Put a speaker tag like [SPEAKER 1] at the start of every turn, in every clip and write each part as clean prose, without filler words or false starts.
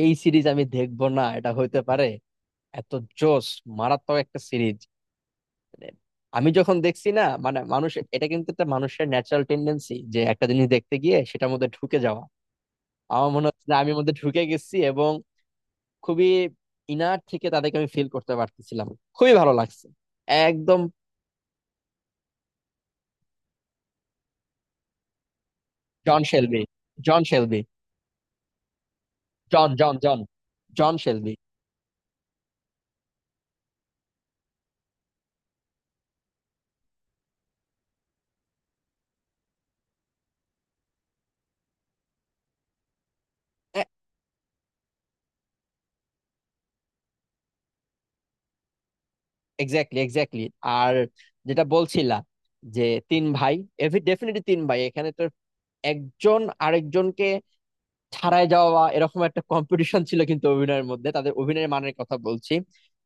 [SPEAKER 1] এই সিরিজ, আমি দেখবো না এটা হইতে পারে। এত জোস, মারাত্মক একটা সিরিজ। মানে আমি যখন দেখছি, না মানে মানুষ, এটা কিন্তু একটা মানুষের ন্যাচারাল টেন্ডেন্সি যে একটা জিনিস দেখতে গিয়ে সেটার মধ্যে ঢুকে যাওয়া। আমার মনে হচ্ছে যে আমি এর মধ্যে ঢুকে গেছি, এবং খুবই ইনার থেকে তাদেরকে আমি ফিল করতে পারতেছিলাম। খুবই ভালো লাগছে। একদম। John Shelby. John Shelby. John, John, John. John Shelby. Exactly, exactly. আর যেটা বলছিলা যে তিন ভাই, এভি ডেফিনেটলি তিন ভাই এখানে তো। একজন আরেকজনকে ছাড়াই যাওয়া, এরকম একটা কম্পিটিশন ছিল কিন্তু অভিনয়ের মধ্যে, তাদের অভিনয়ের মানের কথা বলছি।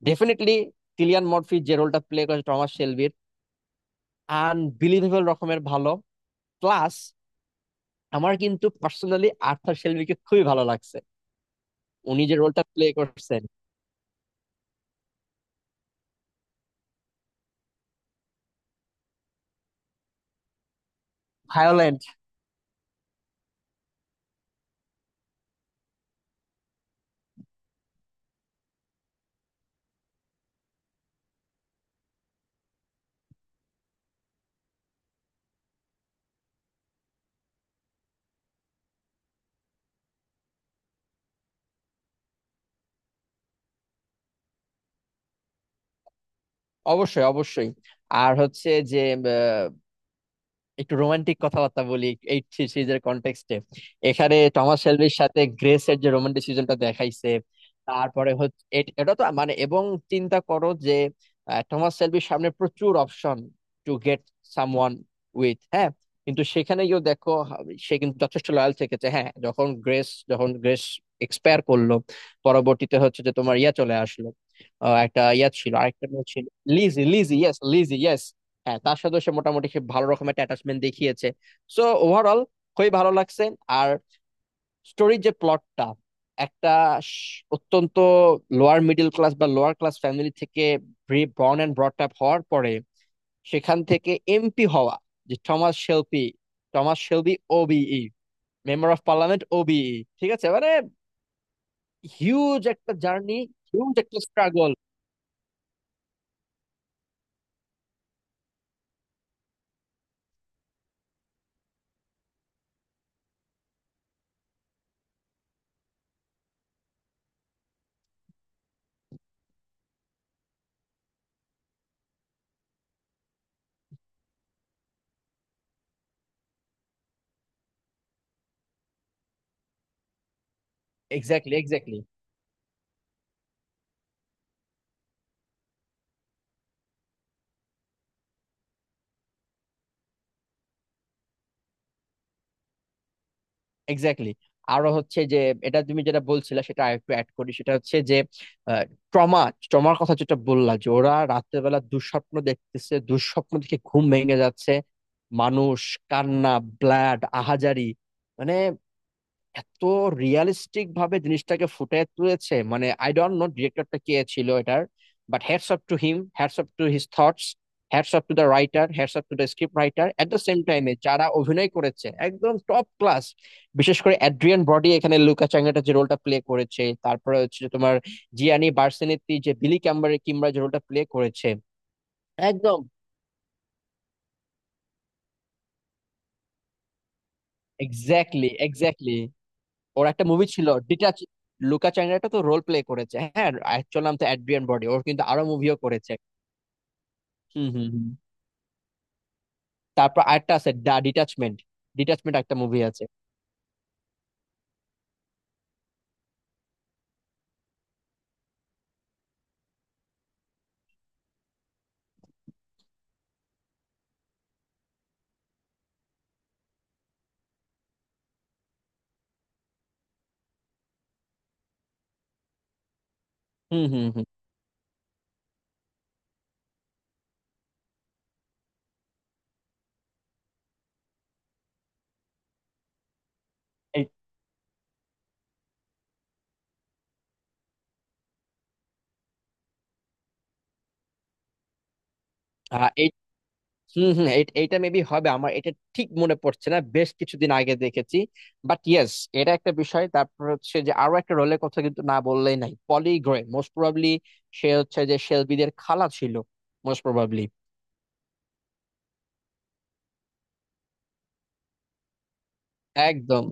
[SPEAKER 1] ডেফিনেটলি, কিলিয়ান মর্ফি যে রোলটা প্লে করেছে টমাস শেলবির, আনবিলিভেবল রকমের ভালো। প্লাস, আমার কিন্তু পার্সোনালি আর্থার শেলবিকে খুবই ভালো লাগছে। উনি যে রোলটা প্লে করছেন। ভায়োলেন্ট। অবশ্যই, অবশ্যই। আর হচ্ছে যে, একটু রোমান্টিক কথাবার্তা বলি এই সিরিজের কনটেক্সটে। এখানে টমাস শেলবির সাথে গ্রেসের যে রোমান্টিসিজমটা দেখাইছে। তারপরে হচ্ছে এটা তো মানে, এবং চিন্তা করো যে, টমাস শেলবির সামনে প্রচুর option to get someone with. হ্যাঁ, কিন্তু সেখানে গিয়েও দেখো সে কিন্তু যথেষ্ট লয়াল থেকেছে। হ্যাঁ, যখন গ্রেস এক্সপায়ার করলো। পরবর্তীতে হচ্ছে যে তোমার ইয়া চলে আসলো। একটা ইয়া ছিল, আরেকটা মেয়ে ছিল, লিজি, লিজি, ইয়েস, লিজি। হ্যাঁ, তার সাথে সে মোটামুটি সে ভালো রকমের অ্যাটাচমেন্ট দেখিয়েছে। সো ওভারঅল, খুবই ভালো লাগছে। আর স্টোরির যে প্লটটা, একটা অত্যন্ত লোয়ার মিডল ক্লাস বা লোয়ার ক্লাস ফ্যামিলি থেকে বর্ন অ্যান্ড ব্রট আপ হওয়ার পরে, সেখান থেকে MP হওয়া, যে Thomas Shelby OBE, member of parliament OBE। ঠিক আছে মানে, হিউজ একটা জার্নি, হিউজ একটা স্ট্রাগল। Exactly, exactly, exactly. আরো হচ্ছে যে, এটা তুমি যেটা বলছিলা সেটা আরেকটু অ্যাড করি। সেটা হচ্ছে যে, ট্রমা ট্রমার কথা যেটা বললা, যে ওরা রাতের বেলা দুঃস্বপ্ন দেখতেছে, দুঃস্বপ্ন দেখে ঘুম ভেঙে যাচ্ছে, মানুষ, কান্না, ব্লাড, আহাজারি। মানে এত রিয়ালিস্টিক ভাবে জিনিসটাকে ফুটিয়ে তুলেছে। মানে আই ডোন্ট নো ডিরেক্টরটা কে ছিল এটার, but hats off to him, hats off to his thoughts, hats off to the writer, hats off to the script writer. At the same টাইমে যারা অভিনয় করেছে, একদম টপ ক্লাস। বিশেষ করে অ্যাড্রিয়ান ব্রডি এখানে লুকা চ্যাংরাটা যে রোলটা প্লে করেছে, তারপরে হচ্ছে যে তোমার জিয়ানি বার্সেনেত্তি যে বিলি ক্যাম্বার কিমরা যে রোলটা প্লে করেছে। একদম, এক্স্যাক্টলি, এক্স্যাক্টলি। ওর একটা মুভি ছিল ডিটাচ। লুকা চ্যাংরাটা তো রোল প্লে করেছে, হ্যাঁ। অ্যাকচুয়াল নাম তো অ্যাড্রিয়ান বডি। ওর কিন্তু আরো মুভিও করেছে। হুম, হুম, হুম। তারপর আরেকটা আছে, ডিটাচমেন্ট। ডিটাচমেন্ট একটা মুভি আছে। হুম, হুম, হুম। এই এই হুম, হুম, এইটা মেবি হবে। আমার এটা ঠিক মনে পড়ছে না, বেশ কিছুদিন আগে দেখেছি, বাট ইয়েস। এটা একটা বিষয়। তারপর হচ্ছে যে, আরো একটা রোলের কথা কিন্তু না বললেই নাই, পলি গ্রে মোস্ট প্রবাবলি। সে হচ্ছে যে শেলবিদের খালা ছিল, মোস্ট প্রবাবলি। একদম।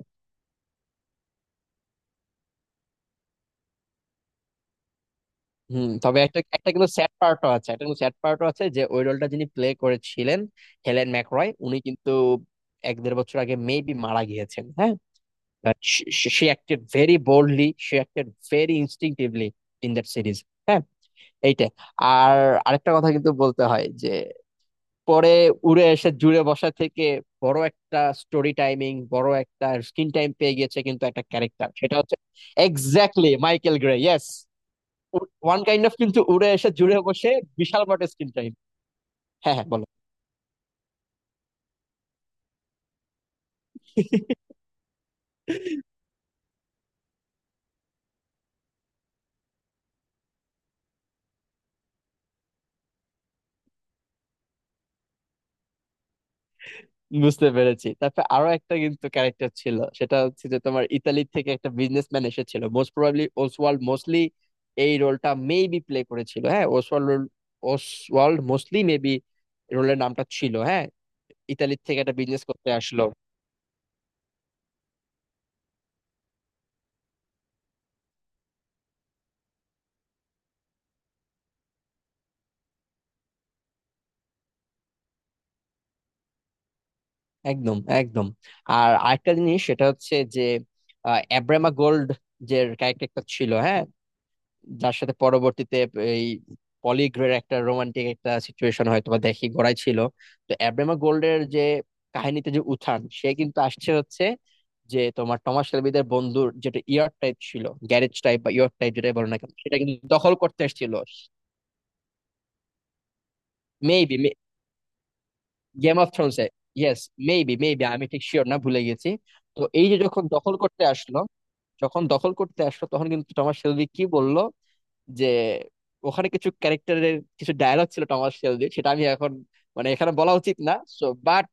[SPEAKER 1] হুম, তবে একটা একটা কিন্তু স্যাড পার্টও আছে একটা কিন্তু স্যাড পার্টও আছে, যে ওই রোলটা যিনি প্লে করেছিলেন, হেলেন ম্যাকরয়। উনি কিন্তু এক দেড় বছর আগে মেবি মারা গিয়েছেন, হ্যাঁ। সে অ্যাক্টেড ভেরি বোল্ডলি, সে acted very instinctively in that series. হ্যাঁ। এইটা। আর আরেকটা কথা কিন্তু বলতে হয় যে, পরে উড়ে এসে জুড়ে বসা থেকে বড় একটা স্ক্রিন টাইম পেয়ে গেছে কিন্তু একটা ক্যারেক্টার, সেটা হচ্ছে exactly Michael Gray, yes. One kind of কিন্তু উড়ে এসে জুড়ে বসে, বিশাল বড় স্ক্রিন টাইম। হ্যাঁ, হ্যাঁ, বলো। বুঝতে পেরেছি। তারপর আরো একটা কিন্তু ক্যারেক্টার ছিল, সেটা হচ্ছে যে তোমার ইতালি থেকে একটা বিজনেসম্যান এসেছিল, মোস্ট প্রবাবলি ওসওয়াল্ড মোস্টলি এই রোলটা মেবি প্লে করেছিল। হ্যাঁ, ওসওয়াল্ড ওসওয়াল্ড মোস্টলি মেবি রোলের নামটা ছিল, হ্যাঁ। ইতালির থেকে একটা বিজনেস করতে আসলো। একদম, একদম। আর আরেকটা জিনিস, সেটা হচ্ছে যে অ্যাব্রামা গোল্ড যে ক্যারেক্টারটা ছিল, হ্যাঁ, যার সাথে পরবর্তীতে এই পলিগ্রের একটা রোমান্টিক একটা সিচুয়েশন হয়তো বা দেখি গড়াই ছিল। তো অ্যাব্রামা গোল্ডের যে কাহিনীতে যে উত্থান, সে কিন্তু আসছে হচ্ছে যে তোমার টমাস শেলবিদের বন্ধুর যেটা ইয়ার টাইপ ছিল, গ্যারেজ টাইপ বা ইয়ার টাইপ যেটাই বলো না কেন, সেটা কিন্তু দখল করতে এসেছিল। মেবি, গেম অফ থ্রোনস এ, ইয়েস। মেবি মেবি আমি ঠিক শিওর না, ভুলে গেছি। তো এই যে যখন দখল করতে আসলো তখন কিন্তু টমাস শেলবি কি বললো, যে ওখানে কিছু ক্যারেক্টারের কিছু ডায়লগ ছিল টমাস শেলবির, সেটা আমি এখন মানে এখানে বলা উচিত না। সো বাট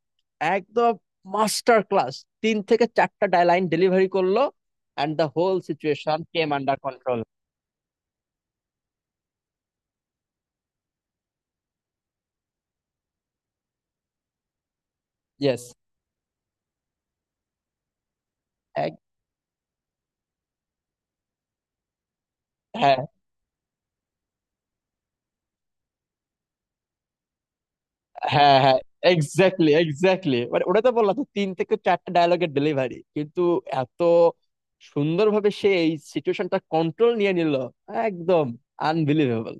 [SPEAKER 1] একদম মাস্টার ক্লাস। তিন থেকে চারটা লাইন ডেলিভারি করলো, and the whole situation came under control. Yes. হ্যাঁ, হ্যাঁ, হ্যাঁ। এক্স্যাক্টলি, এক্স্যাক্টলি মানে ওটা তো বললাম তো, তিন থেকে চারটা ডায়লগের ডেলিভারি কিন্তু এত সুন্দরভাবে সে এই সিচুয়েশনটা কন্ট্রোল নিয়ে নিল। একদম আনবিলিভেবল।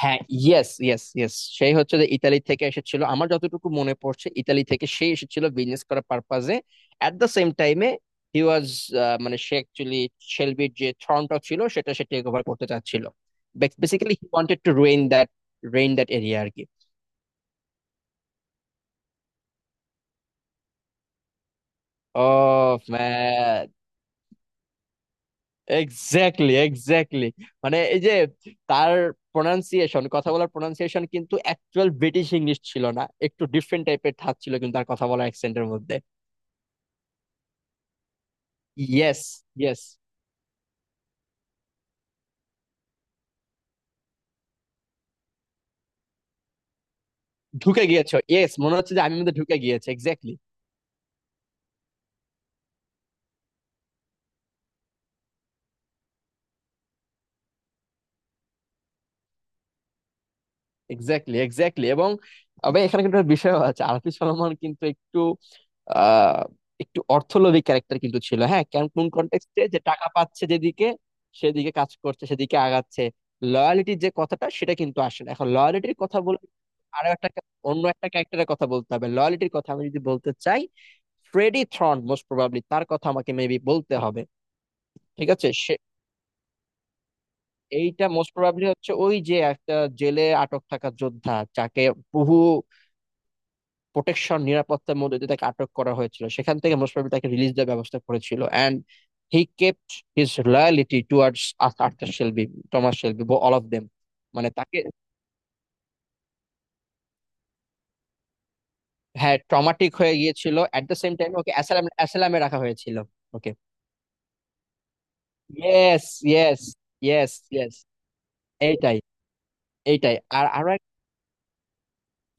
[SPEAKER 1] হ্যাঁ, ইয়েস, ইয়েস, ইয়েস। সেই হচ্ছে যে ইতালি থেকে এসেছিল, আমার যতটুকু মনে পড়ছে ইতালি থেকে সে এসেছিল বিজনেস করার পারপাজে। এট দ্য সেম টাইমে হি ওয়াজ, মানে সে অ্যাকচুয়ালি শেলবির যে থ্রনটা ছিল সেটা সে টেক ওভার করতে চাচ্ছিল। Basically he wanted to ruin that, reign that area, আর কি। Oh, man. এক্স্যাক্টলি, এক্স্যাক্টলি মানে এই যে তার প্রোনাউন্সিয়েশন, কথা বলার প্রোনাউন্সিয়েশন কিন্তু অ্যাকচুয়াল ব্রিটিশ ইংলিশ ছিল না। একটু ডিফারেন্ট টাইপের ঠাঁচ ছিল কিন্তু তার কথা বলার অ্যাকসেন্টের মধ্যে। ইয়েস, ইয়েস, ঢুকে গিয়েছো, ইয়েস, মনে হচ্ছে যে আমি মধ্যে ঢুকে গিয়েছে, এক্স্যাক্টলি, এক্স্যাক্টলি, এক্স্যাক্টলি। এবং তবে এখানে কিন্তু একটা বিষয় আছে, আরফি সলোমন কিন্তু আহ একটু অর্থলোভী ক্যারেক্টার কিন্তু ছিল, হ্যাঁ। কেন কোন কন্টেক্সটে যে টাকা পাচ্ছে যেদিকে, সেদিকে কাজ করছে, সেদিকে আগাচ্ছে। লয়ালিটির যে কথাটা সেটা কিন্তু আসে না, এখন লয়ালিটির কথা বলে আরো একটা অন্য একটা ক্যারেক্টারের কথা বলতে হবে, লয়ালিটির কথা আমি যদি বলতে চাই। ফ্রেডি থ্রন মোস্ট প্রবাবলি তার কথা আমাকে মেবি বলতে হবে। ঠিক আছে। এইটা মোস্ট প্রবাবলি হচ্ছে ওই যে একটা জেলে আটক থাকা যোদ্ধা, যাকে বহু প্রোটেকশন নিরাপত্তার মধ্যে দিয়ে তাকে আটক করা হয়েছিল, সেখান থেকে মোস্ট প্রবাবলি তাকে রিলিজ দেওয়ার ব্যবস্থা করেছিল। And he kept his loyalty towards Arthur Shelby, Thomas Shelby, all of them. মানে তাকে, হ্যাঁ, ট্রমাটিক হয়ে গিয়েছিল। এট দ্য সেম টাইম ওকে অ্যাসাইলামে রাখা হয়েছিল। Okay, yes, yes, yes, yes. এইটাই, এইটাই। আর আরো,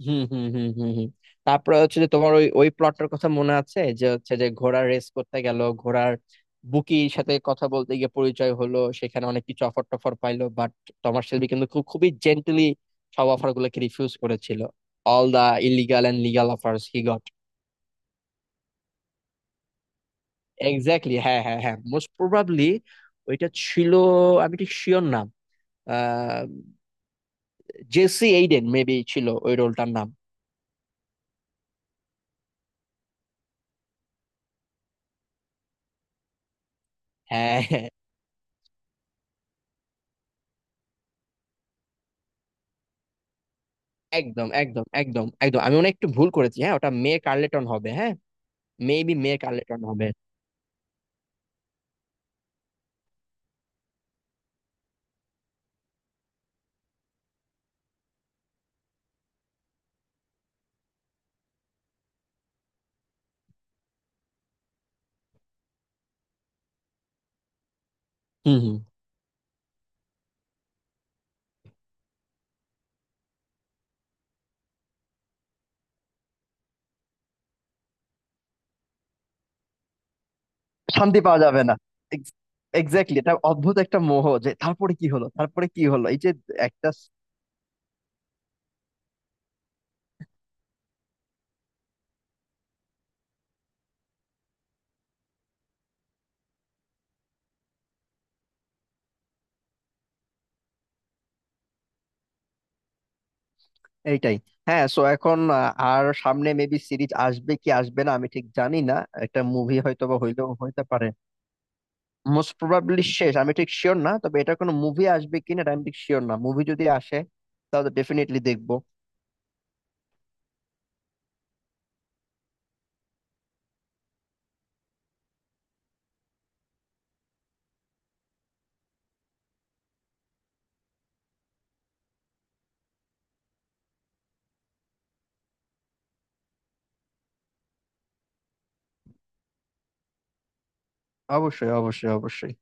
[SPEAKER 1] হুম, হুম, হুম, হুম, হুম। তারপরে হচ্ছে যে তোমার ওই ওই প্লটটার কথা মনে আছে, যে হচ্ছে যে ঘোড়ার রেস করতে গেল, ঘোড়ার বুকির সাথে কথা বলতে গিয়ে পরিচয় হলো, সেখানে অনেক কিছু অফার টফার পাইলো, বাট টমাস শেলবি কিন্তু খুব খুবই জেন্টলি সব অফার গুলোকে রিফিউজ করেছিল। All the illegal and legal offers he got. Exactly, হ্যাঁ, হ্যাঁ, হ্যাঁ। মোস্ট প্রবাবলি ওইটা ছিল, আমি ঠিক শিওর নাম, আহ জেসি এইডেন মেবি ছিল ওই রোলটার নাম। হ্যাঁ, হ্যাঁ। একদম, একদম, একদম, একদম। আমি মনে হয় একটু ভুল করেছি, হ্যাঁ, ওটা মে কার্লেটন হবে, হ্যাঁ। মেবি মে কার্লেটন হবে। হুম, হুম। শান্তি পাওয়া যাবে না। এক্স্যাক্টলি, এটা অদ্ভুত একটা মোহ যে তারপরে কি হলো, তারপরে কি হলো, এই যে একটা এইটাই। হ্যাঁ, সো এখন, আর সামনে মেবি সিরিজ আসবে কি আসবে না আমি ঠিক জানি না। একটা মুভি হয়তো বা হইলেও হইতে পারে। মোস্ট প্রবাবলি শেষ, আমি ঠিক শিওর না, তবে এটা কোনো মুভি আসবে কিনা এটা আমি ঠিক শিওর না। মুভি যদি আসে তাহলে ডেফিনেটলি দেখবো। অবশ্যই, অবশ্যই, অবশ্যই।